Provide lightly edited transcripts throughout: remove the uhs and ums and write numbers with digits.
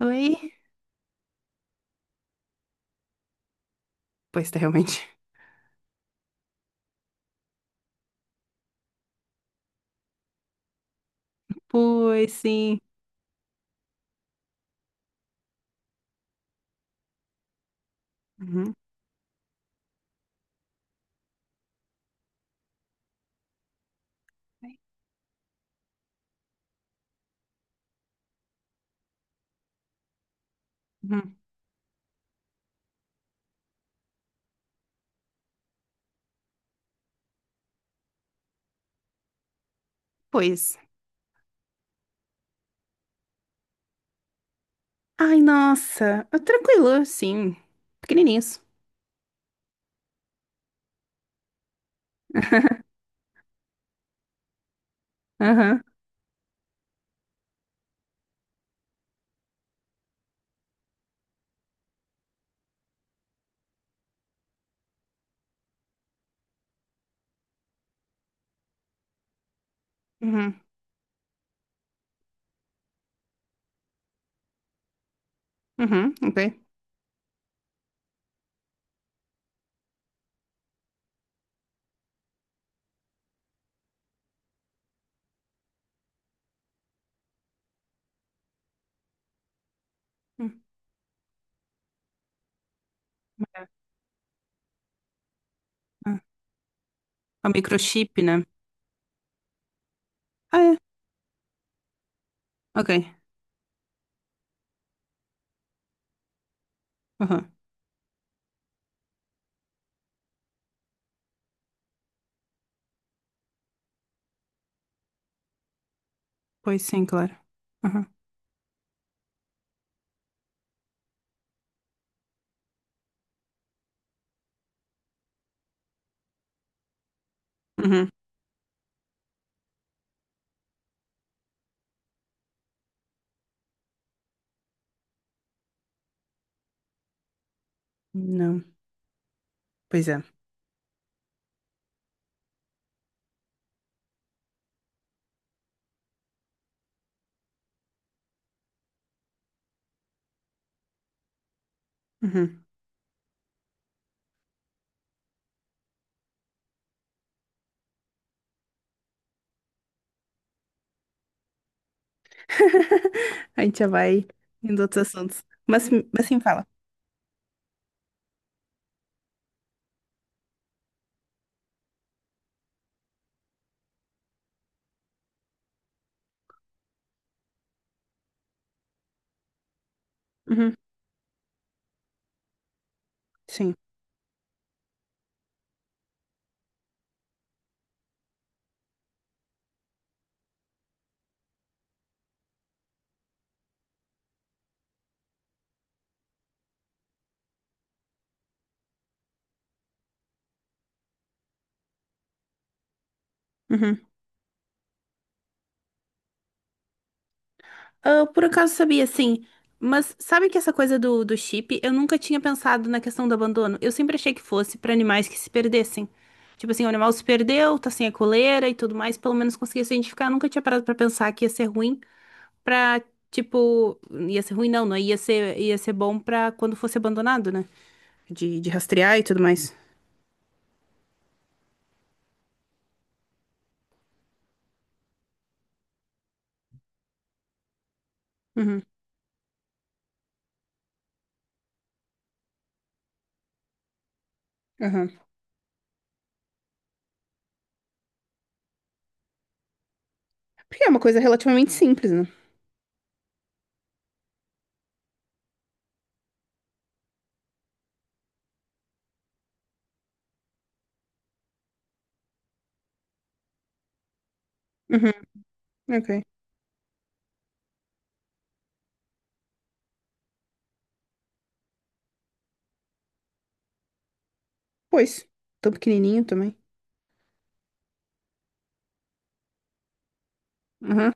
Oi? Pois, tá, realmente. Pois, sim. Uhum. Uhum. Pois. Ai, nossa. Ah, tranquilo, sim. Pequenininhos. Aham. Uhum. Uhum. Ok. Hum. Ah, o microchip, né? Ah, é. Ok. Aham. Pois sim, claro. Aham. Uhum. Não. Pois é. Uhum. A gente já vai indo outros assuntos. Mas sim, fala. Uhum. Sim. Eu por acaso sabia, sim. Mas sabe que essa coisa do chip, eu nunca tinha pensado na questão do abandono. Eu sempre achei que fosse pra animais que se perdessem. Tipo assim, o animal se perdeu, tá sem a coleira e tudo mais, pelo menos conseguia se identificar. Eu nunca tinha parado pra pensar que ia ser ruim pra, tipo, ia ser ruim, não, não, ia ser bom pra quando fosse abandonado, né? De rastrear e tudo mais. Uhum, aham. Porque é uma coisa relativamente simples, né? Uhum, ok. Pois, tão pequenininho também. Uhum,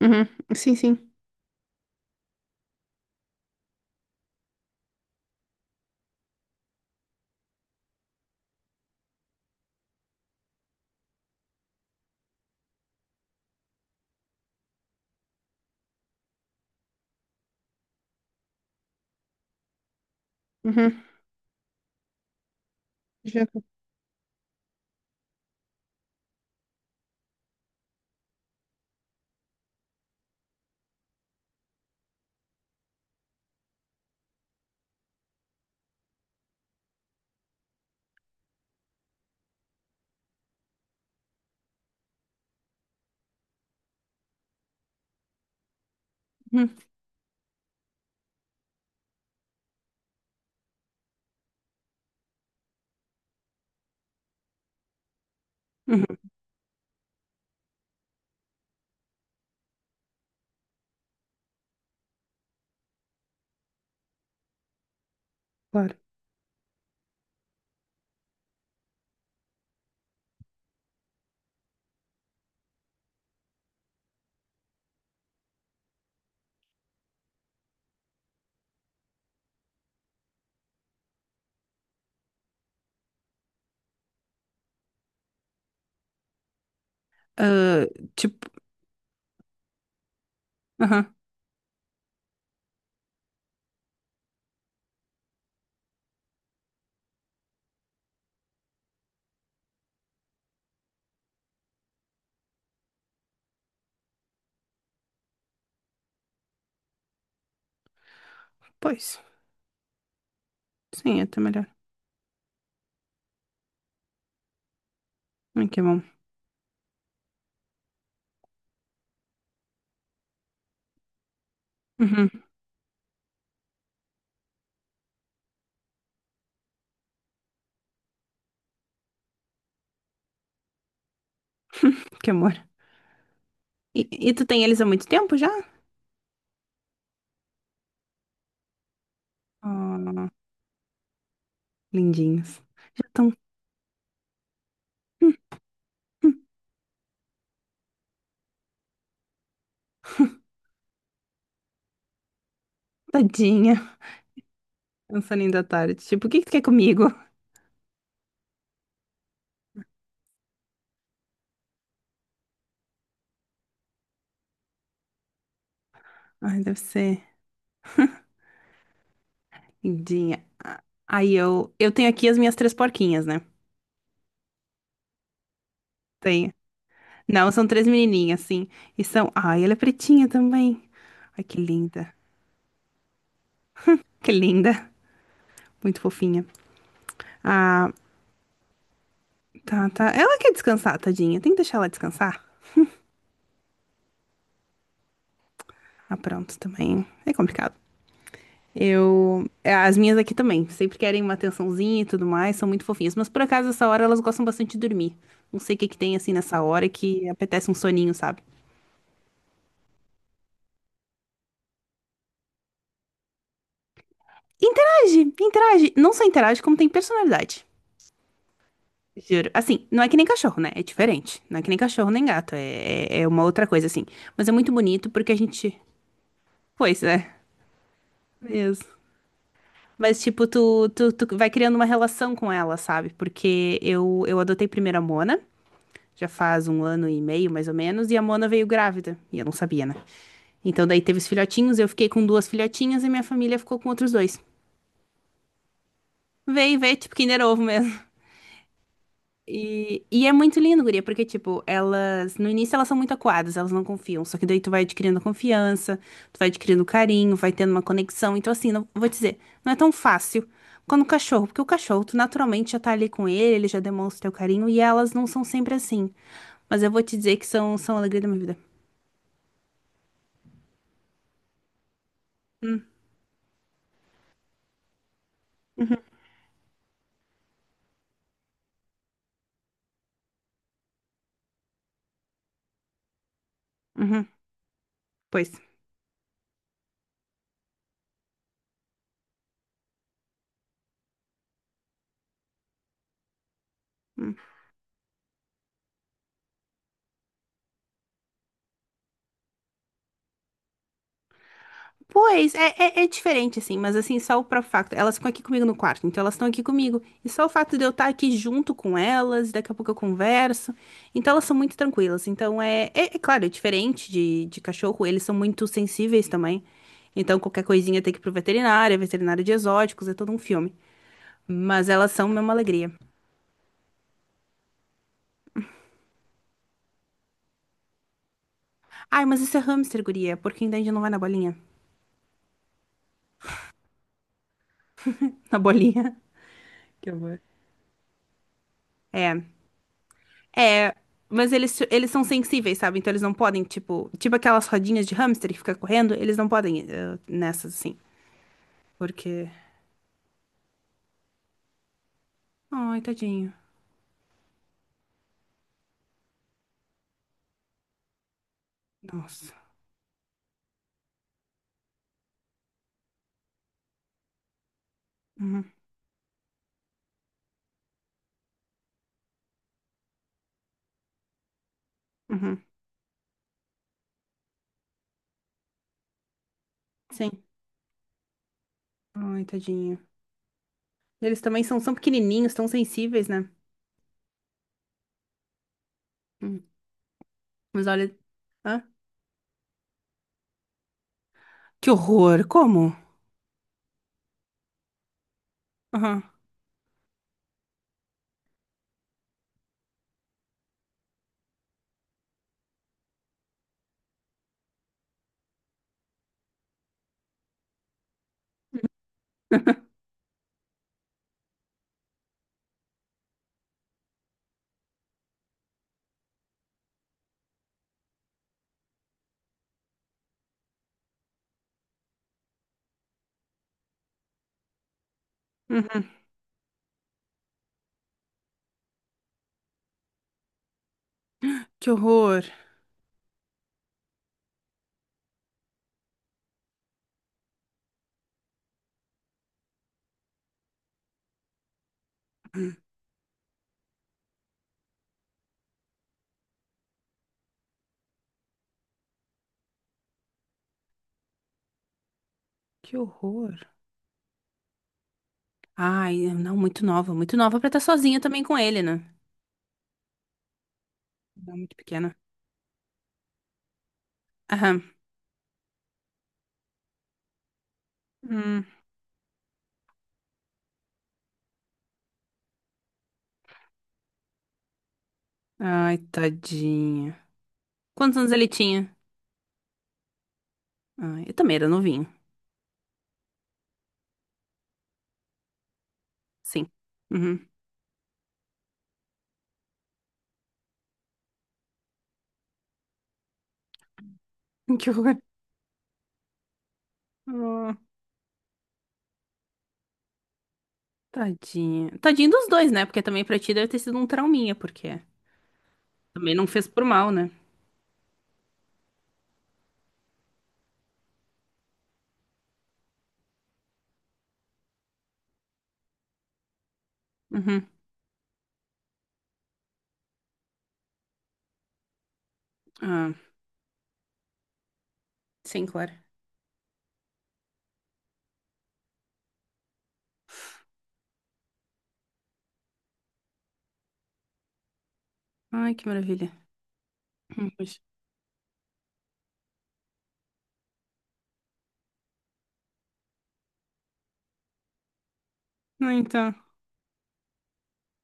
uhum, sim, sim. Uhum. Já. Uhum, uhum, claro. Ah, tipo, aham. Pois, sim, é até melhor. Ai, que bom. Uhum, que amor. E, e tu tem eles há muito tempo já? Oh, lindinhos. Já estão. Tadinha. É um soninho da tarde. Tipo, o que que tu quer comigo? Ai, deve ser lindinha. Ah, aí eu tenho aqui as minhas três porquinhas, né? Tenho. Não, são três menininhas, sim. E são. Ai, ela é pretinha também. Ai, que linda. Que linda. Muito fofinha. Ah, tá, tá. Ela quer descansar, tadinha. Tem que deixar ela descansar. Ah, pronto, também. É complicado. Eu. É, as minhas aqui também. Sempre querem uma atençãozinha e tudo mais. São muito fofinhas. Mas por acaso, essa hora elas gostam bastante de dormir. Não sei o que que tem assim nessa hora que apetece um soninho, sabe? Interage, interage. Não só interage, como tem personalidade. Juro. Assim, não é que nem cachorro, né? É diferente. Não é que nem cachorro nem gato. É uma outra coisa, assim. Mas é muito bonito porque a gente. Pois é. Mas, tipo, tu vai criando uma relação com ela, sabe? Porque eu adotei primeiro a Mona, já faz um ano e meio, mais ou menos, e a Mona veio grávida. E eu não sabia, né? Então, daí teve os filhotinhos, eu fiquei com duas filhotinhas e minha família ficou com outros dois. Veio, veio, tipo, Kinder Ovo mesmo. E é muito lindo, guria, porque, tipo, elas, no início elas são muito acuadas, elas não confiam. Só que daí tu vai adquirindo confiança, tu vai adquirindo carinho, vai tendo uma conexão. Então, assim, não, vou te dizer, não é tão fácil quando o cachorro, porque o cachorro, tu naturalmente já tá ali com ele, ele já demonstra o teu carinho, e elas não são sempre assim. Mas eu vou te dizer que são, são a alegria da minha vida. Uhum, pois. Hum. Pois, é diferente, assim, mas assim, só o próprio facto. Elas ficam aqui comigo no quarto, então elas estão aqui comigo. E só o fato de eu estar aqui junto com elas, daqui a pouco eu converso. Então elas são muito tranquilas. Então é claro, é diferente de cachorro, eles são muito sensíveis também. Então qualquer coisinha tem que ir pro veterinário, é veterinário de exóticos, é todo um filme. Mas elas são mesmo alegria. Ai, mas isso é hamster, guria, porque ainda a gente não vai na bolinha. Na bolinha. Que amor. É, mas eles são sensíveis, sabe? Então eles não podem, tipo, tipo aquelas rodinhas de hamster que fica correndo, eles não podem nessas assim, porque. Ai, tadinho. Nossa. Uhum, uhum. Sim. Ai, tadinho. Eles também são, são pequenininhos, tão sensíveis, né? Hum. Mas olha. Hã? Que horror. Como? Aham. Uhum. Que horror. Hum. Que horror. Ai, não, muito nova pra estar sozinha também com ele, né? Não, muito pequena. Aham. Ai, tadinha. Quantos anos ele tinha? Ai, eu também era novinho. Sim. Uhum. Que horror. Ah, tadinha. Tadinho dos dois, né? Porque também pra ti deve ter sido um trauminha, porque também não fez por mal, né? Uhum. Ah, sim, claro. Ai, que maravilha. Pois. Não, então.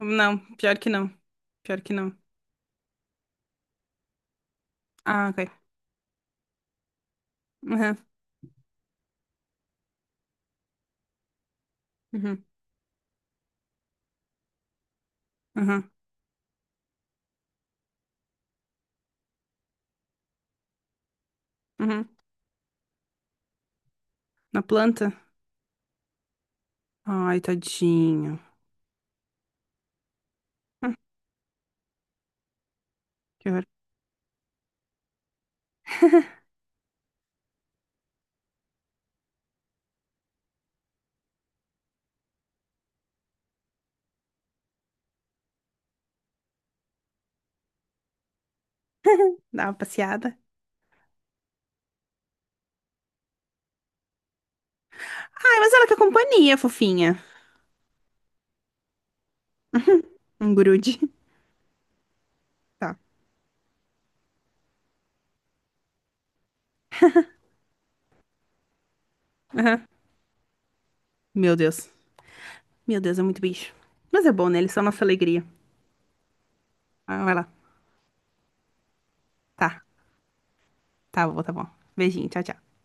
Não, pior que não. Pior que não. Ah, ok. Uhum. Uhum. Uhum. Uhum. Na planta? Ai, tadinho. Hum, Que horror. Dá uma passeada. Ai, mas ela quer companhia, fofinha. Um grude. Tá. Aham. Meu Deus. Meu Deus, é muito bicho. Mas é bom, né? Eles são a nossa alegria. Ah, vai lá. Tá. Tá bom, tá bom. Beijinho, tchau, tchau.